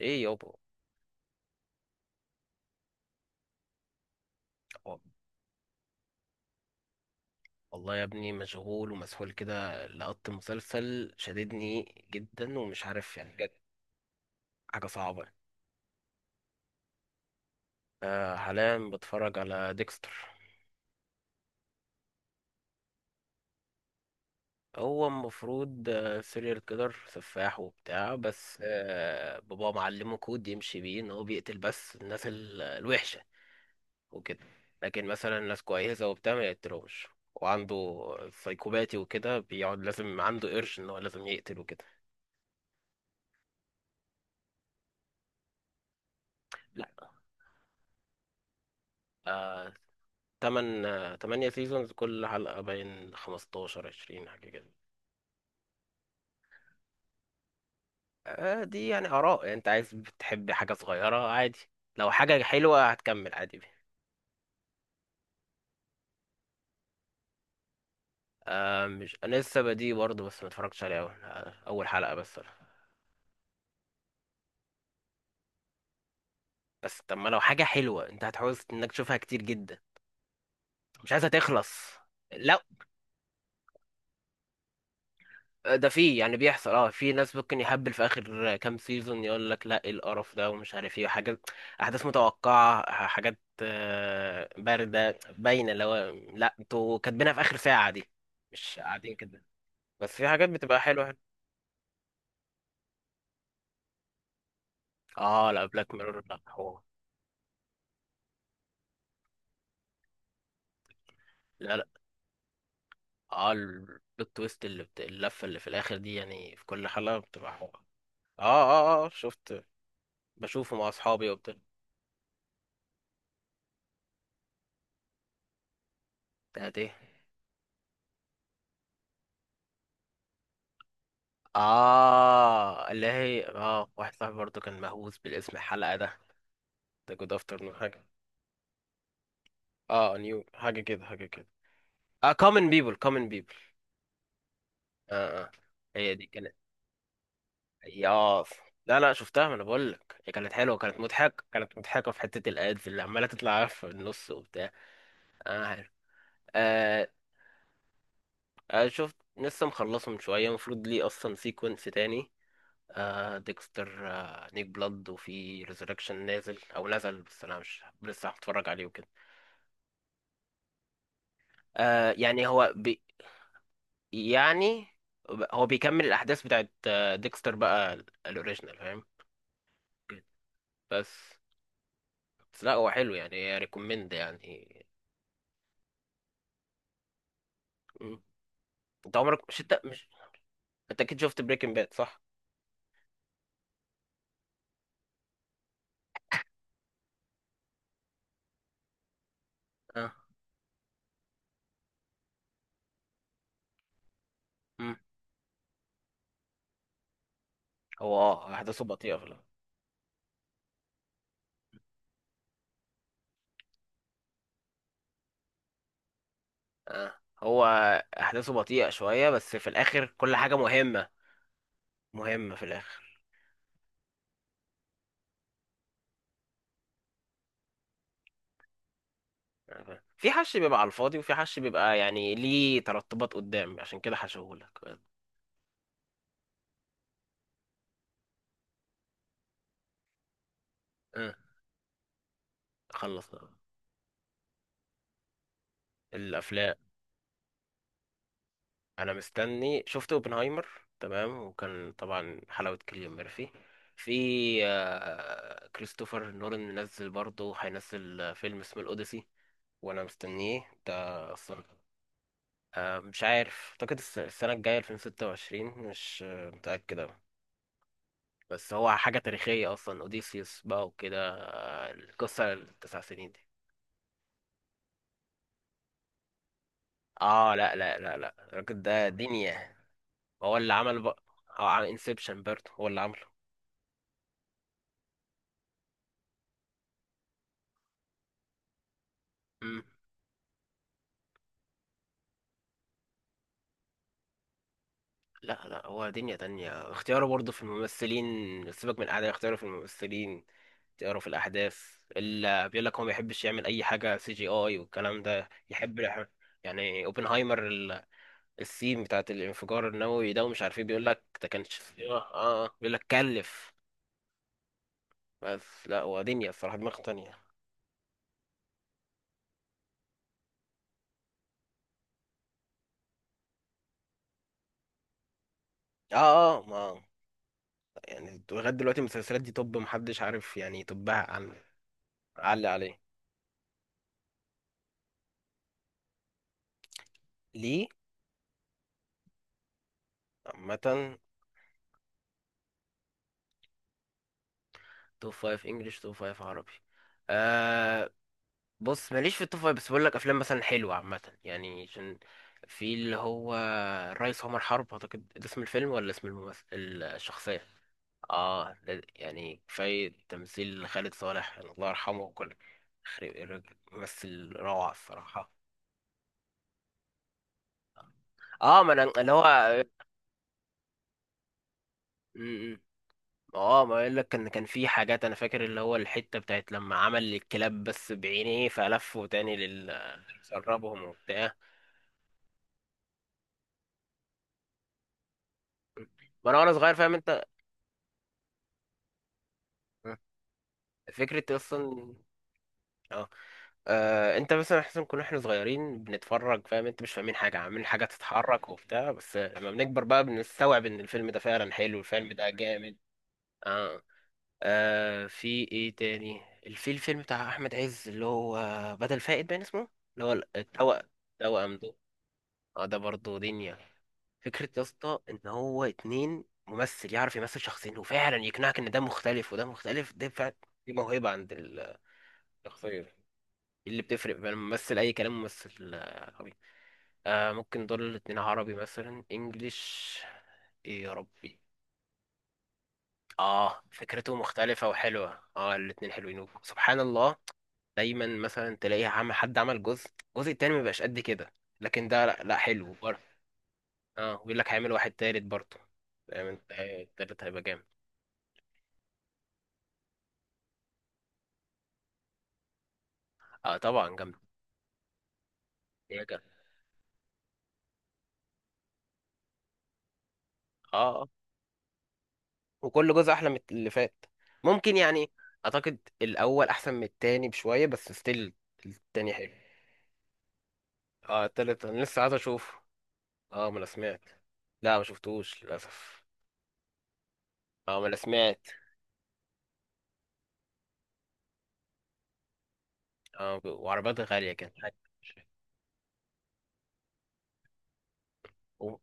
ايه يابا. هو- والله يا ابني مشغول ومسحول كده لقط مسلسل شددني جدا ومش عارف يعني بجد حاجة صعبة. آه، حاليا بتفرج على ديكستر. هو المفروض سيريال كيلر سفاح وبتاع، بس آه بابا معلمه كود يمشي بيه ان هو بيقتل بس الناس الوحشة وكده، لكن مثلا ناس كويسة وبتاع ما يقتلهمش، وعنده سايكوباتي وكده بيقعد لازم عنده قرش ان هو لازم يقتل وكده. لا، آه، تمن تمانية سيزونز، كل حلقة باين خمستاشر عشرين حاجة كده. دي يعني آراء، يعني أنت عايز بتحب حاجة صغيرة عادي، لو حاجة حلوة هتكمل عادي بيها. مش أنا لسه بدي برضه، بس ما اتفرجتش عليه أول، أول حلقة بس. بس طب ما لو حاجة حلوة أنت هتحوز إنك تشوفها كتير جدا، مش عايزها تخلص. لو ده فيه يعني بيحصل، اه، في ناس ممكن يهبل في اخر كام سيزون يقول لك لا ايه القرف ده ومش عارف ايه وحاجات، احداث متوقعه، حاجات بارده باينه اللي هو لا انتوا كاتبينها في اخر ساعه دي، مش قاعدين كده. بس في حاجات بتبقى حلوه. اه، لا بلاك ميرور لا حوار. لا، اه البلوت تويست اللي اللفه اللي في الاخر دي، يعني في كل حلقه بتبقى حوار. اه اه شفت. بشوفه مع اصحابي وبتاع. بتاعت ايه؟ اه اللي هي، اه، واحد صاحبي برضه كان مهووس بالاسم، الحلقة ده ده جود افترنون حاجة. اه نيو حاجة كده، حاجة كده. اه common people common people. اه، هي دي كانت. ياس، لا شفتها، ما انا بقول لك هي كانت حلوة، كانت مضحكة كانت مضحكة في حتة الادز اللي عمالة تطلع في النص وبتاع. اه، حلو. آه، شفت لسه مخلصه من شوية، المفروض ليه اصلا سيكونس تاني. آه ديكستر، آه نيك بلاد، وفي ريزركشن نازل او نزل بس انا مش لسه هتفرج عليه وكده. آه يعني هو بي يعني هو بيكمل الاحداث بتاعت آه ديكستر بقى، الاوريجينال، فاهم؟ كده. بس بس لا هو حلو يعني، ريكومند يعني. مم، انت عمرك مش انت مش انت اكيد شفت بريكنج باد، صح؟ اه. مم، هو اه احداثه بطيئة في الأول. اه، هو احداثه بطيئة شوية بس في الاخر كل حاجة مهمة، مهمة في الاخر. أها، في حش بيبقى على الفاضي وفي حش بيبقى يعني ليه ترتبات قدام عشان كده حشهولك. أه، خلص. الافلام، انا مستني شفت اوبنهايمر، تمام، وكان طبعا حلاوة كيليان ميرفي. في كريستوفر نولان منزل برضه، هينزل فيلم اسمه الاوديسي وانا مستنيه ده اصلا. مش عارف، اعتقد السنة الجاية 2026، مش متأكد. بس هو حاجة تاريخية أصلا، أوديسيوس بقى وكده، القصة التسع سنين دي. اه، لا، الراجل ده دنيا. هو اللي عمل بقى، اه، عن انسبشن برضه هو اللي عمله. مم، لا هو دنيا تانية، اختياره برضه في الممثلين. سيبك من الأعداء، اختياره في الممثلين، اختياره في الأحداث، اللي بيقول لك هو ما بيحبش يعمل أي حاجة سي جي آي والكلام ده، يحب يعني اوبنهايمر السين بتاعت الانفجار النووي ده، ومش عارف ايه، بيقول لك ده كانش، اه بيقول لك كلف. بس لا ودنيا الصراحة، دماغ تانية. اه اه ما يعني لغاية دلوقتي المسلسلات دي طب محدش عارف يعني يطبها، عن علي عليه ليه؟ عامة، توب فايف انجلش توب فايف عربي. آه، بص ماليش في التوب فايف، بس بقول لك افلام مثلا حلوة عامة يعني. عشان في اللي هو الريس عمر حرب، اعتقد ده اسم الفيلم ولا اسم الممثل، الشخصية. اه، ده يعني كفاية تمثيل خالد صالح، يعني الله يرحمه، وكل يخرب الراجل، ممثل روعة الصراحة. اه ما انا اللي هو، م- م. اه ما اقول لك، ان كان في حاجات انا فاكر اللي هو الحته بتاعت لما عمل الكلاب بس بعينيه، فلفه تاني لل، سربهم وبتاع. ما انا وانا صغير فاهم انت فكره اصلا. اه، انت مثلا احسن، كنا احنا صغيرين بنتفرج فاهم انت، مش فاهمين حاجه عاملين حاجه تتحرك وبتاع، بس لما بنكبر بقى بنستوعب ان الفيلم ده فعلا حلو، الفيلم ده جامد. اه، آه في ايه تاني؟ في الفيلم بتاع احمد عز اللي هو بدل فائد باين اسمه، اللي هو التوأم. التوأم ده، اه ده برضه دنيا، فكرة يا اسطى ان هو اتنين، ممثل يعرف يمثل شخصين وفعلا يقنعك ان ده مختلف وده مختلف، ده فعلا دي موهبة عند الشخصية دي. إيه اللي بتفرق بين ممثل اي كلام ممثل عربي، آه ممكن دول الاتنين عربي مثلا انجليش، ايه يا ربي. اه فكرته مختلفة وحلوة، اه الاتنين حلوين سبحان الله، دايما مثلا تلاقي عم حد عمل جزء، الجزء التاني مبيبقاش قد كده، لكن ده لا, لا حلو برضه. اه ويقول لك هيعمل واحد تالت برضه، فاهم انت، التالت هيبقى جامد. اه طبعا جامد. هي جامدة. اه، آه، وكل جزء احلى من اللي فات، ممكن يعني. اعتقد الاول احسن من التاني بشوية بس ستيل التاني حلو. اه، التالت انا لسه عايز اشوفه. اه ما انا سمعت. لا ما شفتوش للاسف. اه ما انا سمعت. اه وعربيات غالية كانت حاجة. و-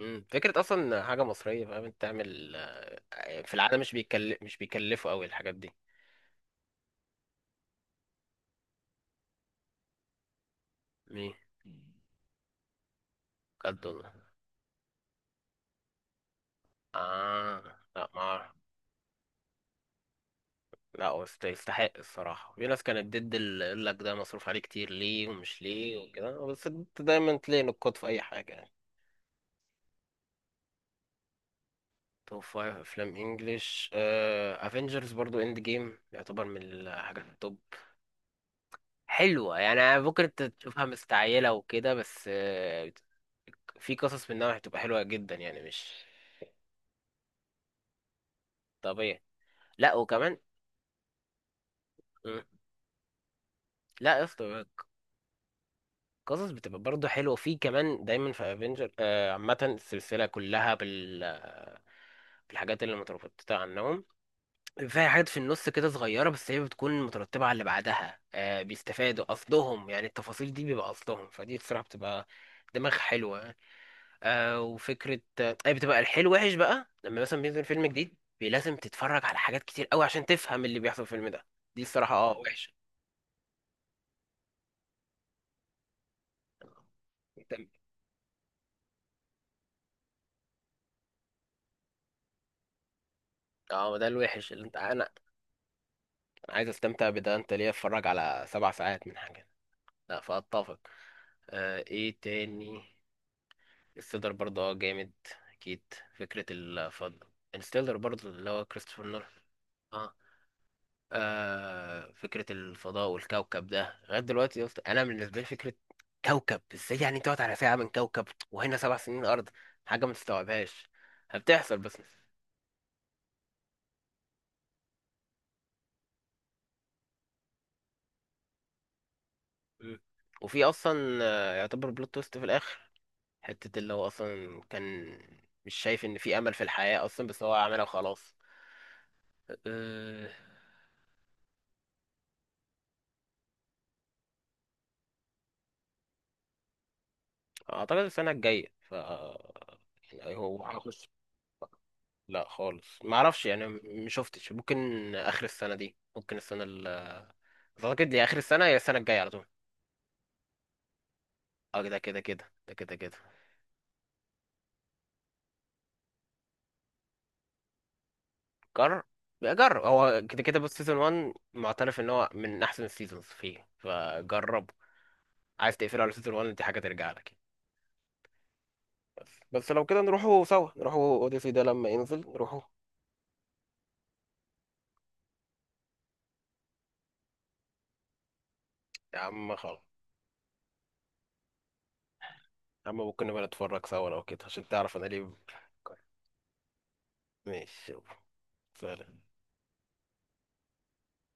مم، فكرة أصلا حاجة مصرية، فاهم أنت؟ تعمل في العالم مش بيكلف، مش بيكلفوا أوي الحاجات دي. مين؟ بجد والله؟ آه. لا ما أعرف. لا هو يستحق الصراحة، في ناس كانت ضد اللي يقول لك ده مصروف عليه كتير ليه ومش ليه وكده، بس أنت دايما تلاقي نقاط في أي حاجة يعني. توب فايف أفلام إنجلش، أفينجرز برضو إند جيم يعتبر من الحاجات التوب، حلوة يعني، ممكن انت تشوفها مستعجلة وكده، بس في قصص منها هتبقى حلوة جدا يعني. مش طبيعي. لا وكمان مم. لا يا اسطى، قصص بتبقى برضه حلوة في كمان دايما في افنجر. عامة السلسلة كلها بال بالحاجات اللي مترتبة عنهم، فيها حاجات في النص كده صغيرة بس هي بتكون مترتبة على اللي بعدها، بيستفادوا قصدهم يعني، التفاصيل دي بيبقى قصدهم، فدي بصراحة بتبقى دماغ حلوة. آه، وفكرة، طيب بتبقى الحلو وحش بقى، لما مثلا بينزل فيلم جديد لازم تتفرج على حاجات كتير قوي عشان تفهم اللي بيحصل في الفيلم ده، دي الصراحة اه وحشة. انت اه ده الوحش اللي انت انا، أنا عايز استمتع بده انت، ليه اتفرج على سبع ساعات من حاجة؟ لا فاتفق. آه ايه تاني؟ الستيلر برضه اه جامد، اكيد فكرة الفضل، الستيلر برضه اللي هو كريستوفر نولان. آه، آه فكرة الفضاء والكوكب ده لغاية دلوقتي يا اسطى أنا بالنسبة لي، فكرة كوكب إزاي يعني تقعد على ساعة من كوكب وهنا سبع سنين أرض، حاجة ما تستوعبهاش هبتحصل بس. مم، وفي أصلا يعتبر بلوت تويست في الآخر، حتة اللي هو أصلا كان مش شايف إن في أمل في الحياة أصلا، بس هو عملها وخلاص. آه، أعتقد السنة الجاية، ف يعني هو هخش. لا خالص ما اعرفش يعني، شفتش. ممكن اخر السنه دي، ممكن السنه ال اعتقد يا اخر السنه يا السنه الجايه على طول. اه ده كده كده، ده كده كده. جرب جرب هو كده كده، بص سيزون 1 معترف ان هو من احسن السيزونز فيه، فجربه. عايز تقفله على سيزون 1، دي حاجه ترجع لك يعني. بس لو كده نروحوا سوا، نروحوا اوديسي ده لما ينزل نروحوا. يا عم خلاص، يا عم ممكن نبقى نتفرج سوا لو كده عشان تعرف انا ليه بفكر. ماشي يلا. سلام.